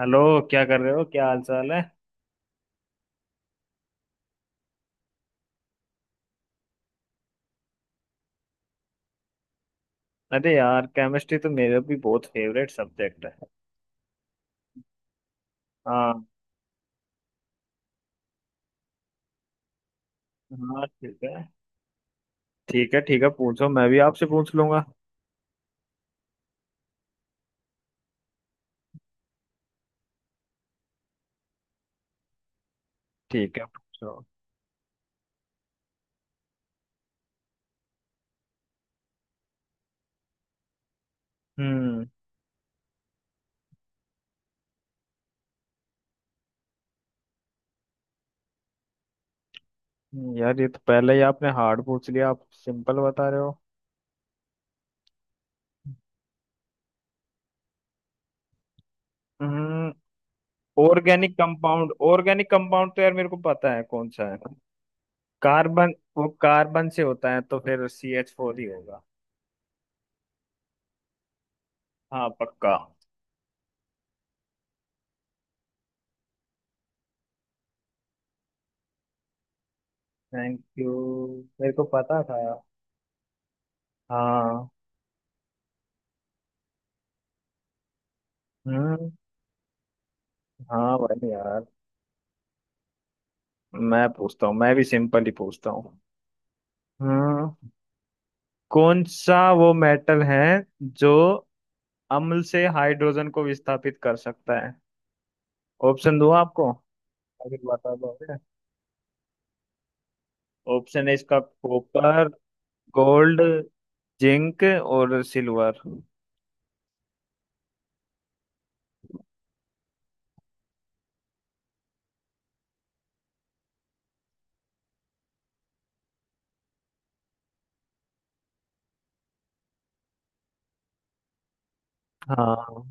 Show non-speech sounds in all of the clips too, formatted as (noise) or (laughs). Hello. क्या कर रहे हो? क्या हाल चाल है? अरे यार, केमिस्ट्री तो मेरा भी बहुत फेवरेट सब्जेक्ट है। हाँ। हाँ ठीक है। ठीक है, ठीक है, पूछो। मैं भी आपसे पूछ लूंगा। ठीक है, पूछो। हम्म। यार ये तो पहले ही आपने हार्ड पूछ लिया। आप सिंपल बता रहे हो। हम्म। ऑर्गेनिक कंपाउंड तो यार मेरे को पता है कौन सा है। कार्बन। वो कार्बन से होता है तो फिर सी एच फोर ही होगा। हाँ, पक्का। Thank you. मेरे को पता था। हाँ। हम्म। हाँ भाई यार। मैं पूछता हूँ। मैं भी सिंपल ही पूछता हूँ। हाँ। कौन सा वो मेटल है जो अम्ल से हाइड्रोजन को विस्थापित कर सकता है? ऑप्शन दूँ आपको अगर बता दोगे? ऑप्शन है इसका कॉपर, गोल्ड, जिंक और सिल्वर। हाँ,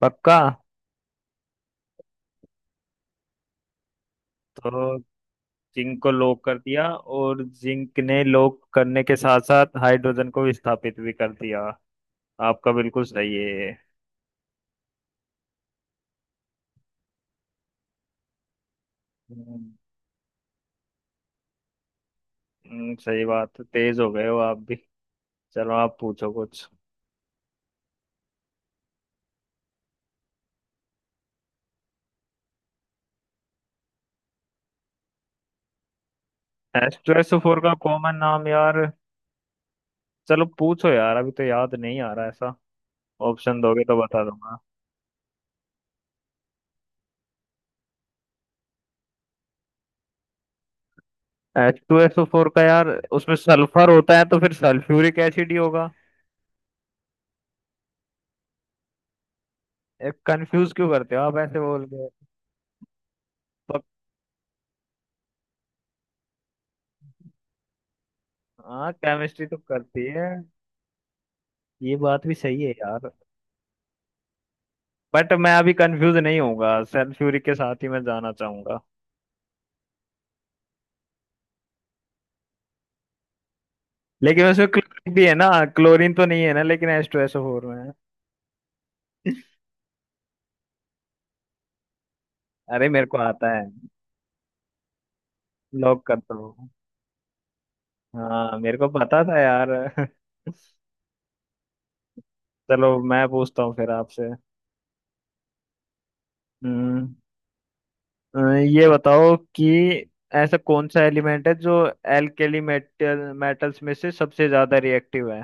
पक्का। तो जिंक को लॉक कर दिया, और जिंक ने लॉक करने के साथ साथ हाइड्रोजन को विस्थापित भी कर दिया। आपका बिल्कुल सही है। सही बात है। तेज हो गए हो आप भी। चलो आप पूछो कुछ। एच टू एस फोर का कॉमन नाम यार। चलो पूछो यार, अभी तो याद नहीं आ रहा ऐसा। ऑप्शन दोगे तो बता दूंगा। एच टू एस फोर का यार। उसमें सल्फर होता है तो फिर सल्फ्यूरिक एसिड ही होगा। एक कंफ्यूज क्यों करते हो आप ऐसे बोल के? पक- हाँ, केमिस्ट्री तो करती है। ये बात भी सही है यार। बट मैं अभी कंफ्यूज नहीं होऊंगा, सल्फ्यूरिक के साथ ही मैं जाना चाहूंगा। लेकिन उसमें क्लोरीन भी है ना। क्लोरीन तो नहीं है ना, लेकिन एच टू एस फोर में है। अरे मेरे को आता है। लॉक करता हूँ। हाँ, मेरे को पता था यार। (laughs) चलो मैं पूछता हूँ फिर आपसे। हम्म। ये बताओ कि ऐसा कौन सा एलिमेंट है जो एल्केली मेटल्स में से सबसे ज्यादा रिएक्टिव है?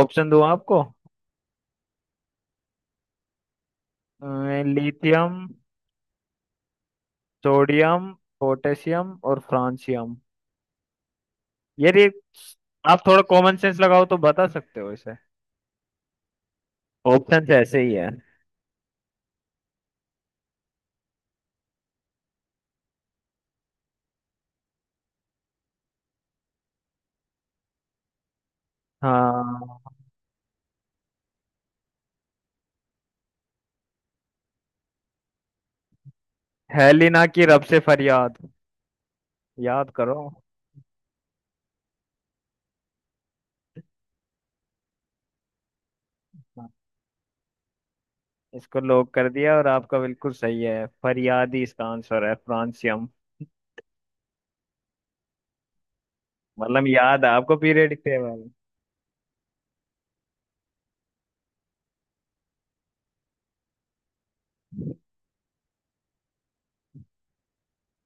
ऑप्शन दूँ आपको? लिथियम, सोडियम, पोटेशियम और फ्रांसियम। यार ये रे, आप थोड़ा कॉमन सेंस लगाओ तो बता सकते हो इसे। ऑप्शन ऐसे ही है। हाँ। हेलिना की रब से फरियाद, याद करो। हाँ, इसको लॉक कर दिया, और आपका बिल्कुल सही है। फरियाद ही इसका आंसर है, फ्रांसियम। मतलब याद है आपको पीरियडिक टेबल।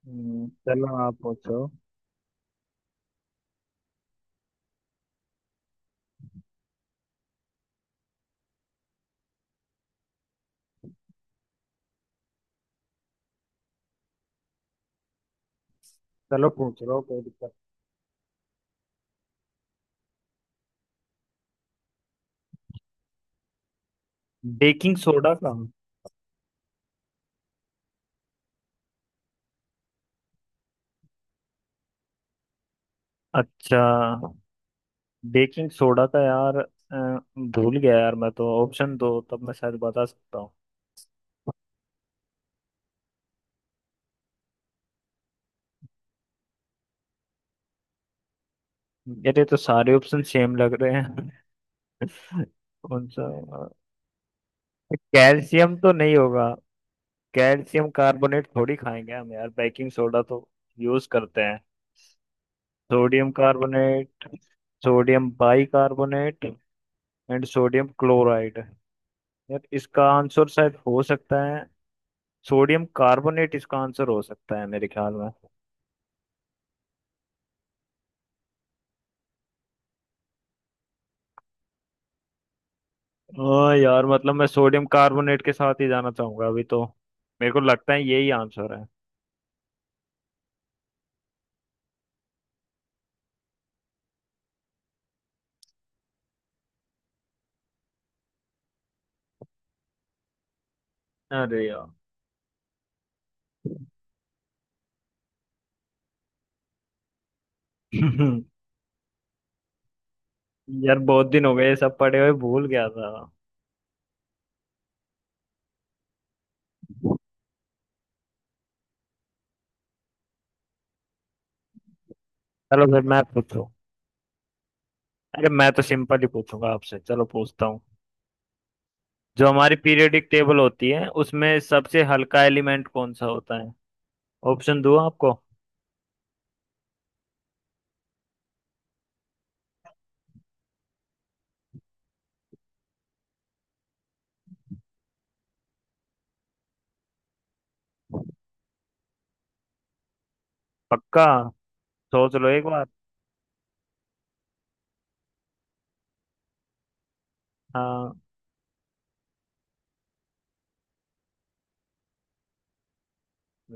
चलो आप पूछो। चलो पूछ लो, कोई दिक्कत। बेकिंग सोडा का? अच्छा। बेकिंग सोडा का यार, भूल गया यार। मैं तो ऑप्शन दो तब मैं शायद बता सकता हूँ। मेरे तो सारे ऑप्शन सेम लग रहे हैं। (laughs) कौन सा? कैल्शियम तो नहीं होगा। कैल्शियम कार्बोनेट थोड़ी खाएंगे हम यार, बेकिंग सोडा तो यूज करते हैं। Sodium carbonate, sodium bicarbonate and sodium chloride. यार इसका आंसर शायद हो सकता है सोडियम कार्बोनेट। इसका आंसर हो सकता है मेरे ख्याल में। ओ यार, मतलब मैं सोडियम कार्बोनेट के साथ ही जाना चाहूंगा अभी तो। मेरे को लगता है यही आंसर है। अरे यार। (laughs) यार बहुत दिन हो गए ये सब पढ़े हुए, भूल गया था। चलो फिर मैं पूछूं। अरे, मैं तो सिंपल ही पूछूंगा आपसे, चलो पूछता हूँ। जो हमारी पीरियोडिक टेबल होती है उसमें सबसे हल्का एलिमेंट कौन सा होता है? ऑप्शन दूँ आपको? पक्का? सोच लो एक बार। हाँ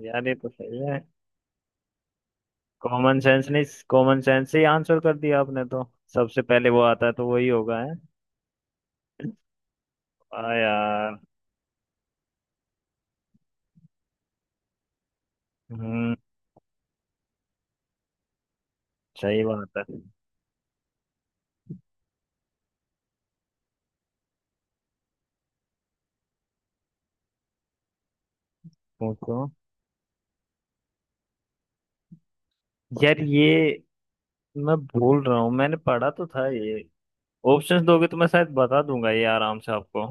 यार, ये तो सही है। कॉमन सेंस नहीं, कॉमन सेंस से ही आंसर कर दिया आपने तो। सबसे पहले वो आता है तो वही होगा है। आ यार। हम्म। सही बात है। पूछो। यार ये मैं भूल रहा हूँ। मैंने पढ़ा तो था ये। ऑप्शंस दोगे तो मैं शायद बता दूंगा ये आराम से आपको।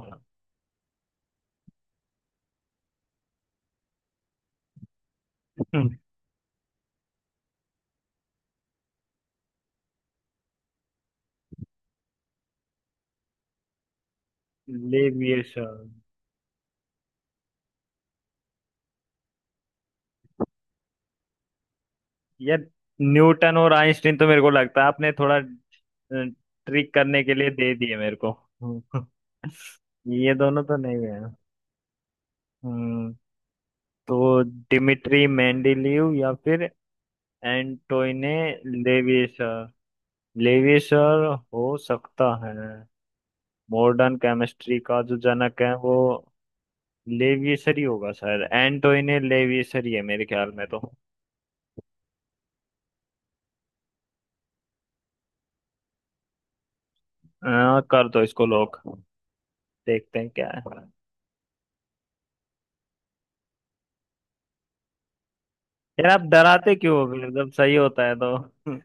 (laughs) लेविएशन। यार, न्यूटन और आइंस्टीन तो मेरे को लगता है आपने थोड़ा ट्रिक करने के लिए दे दिए मेरे को। (laughs) हम्म, ये दोनों तो नहीं है। हम्म, तो डिमिट्री मेंडेलीव या फिर एंटोइने लेविसर। लेविसर हो सकता है। मॉडर्न केमिस्ट्री का जो जनक है वो लेविसर ही होगा शायद, एंटोइने लेविसर ही है मेरे ख्याल में तो। कर दो इसको लोग, देखते हैं क्या है। यार आप डराते क्यों हो फिर, जब सही होता है तो।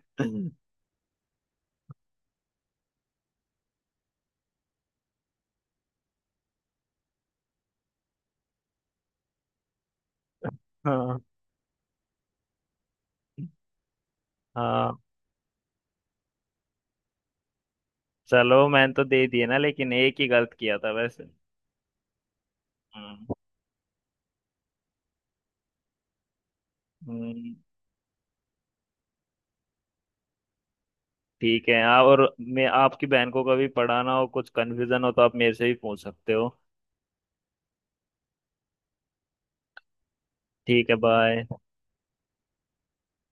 (laughs) हाँ, हाँ। चलो मैंने तो दे दिए ना, लेकिन एक ही गलत किया था वैसे। हम्म। हम्म, ठीक है, आप और मैं आपकी बहन को कभी पढ़ाना हो, कुछ कन्फ्यूजन हो तो आप मेरे से ही पूछ सकते हो। ठीक है, बाय।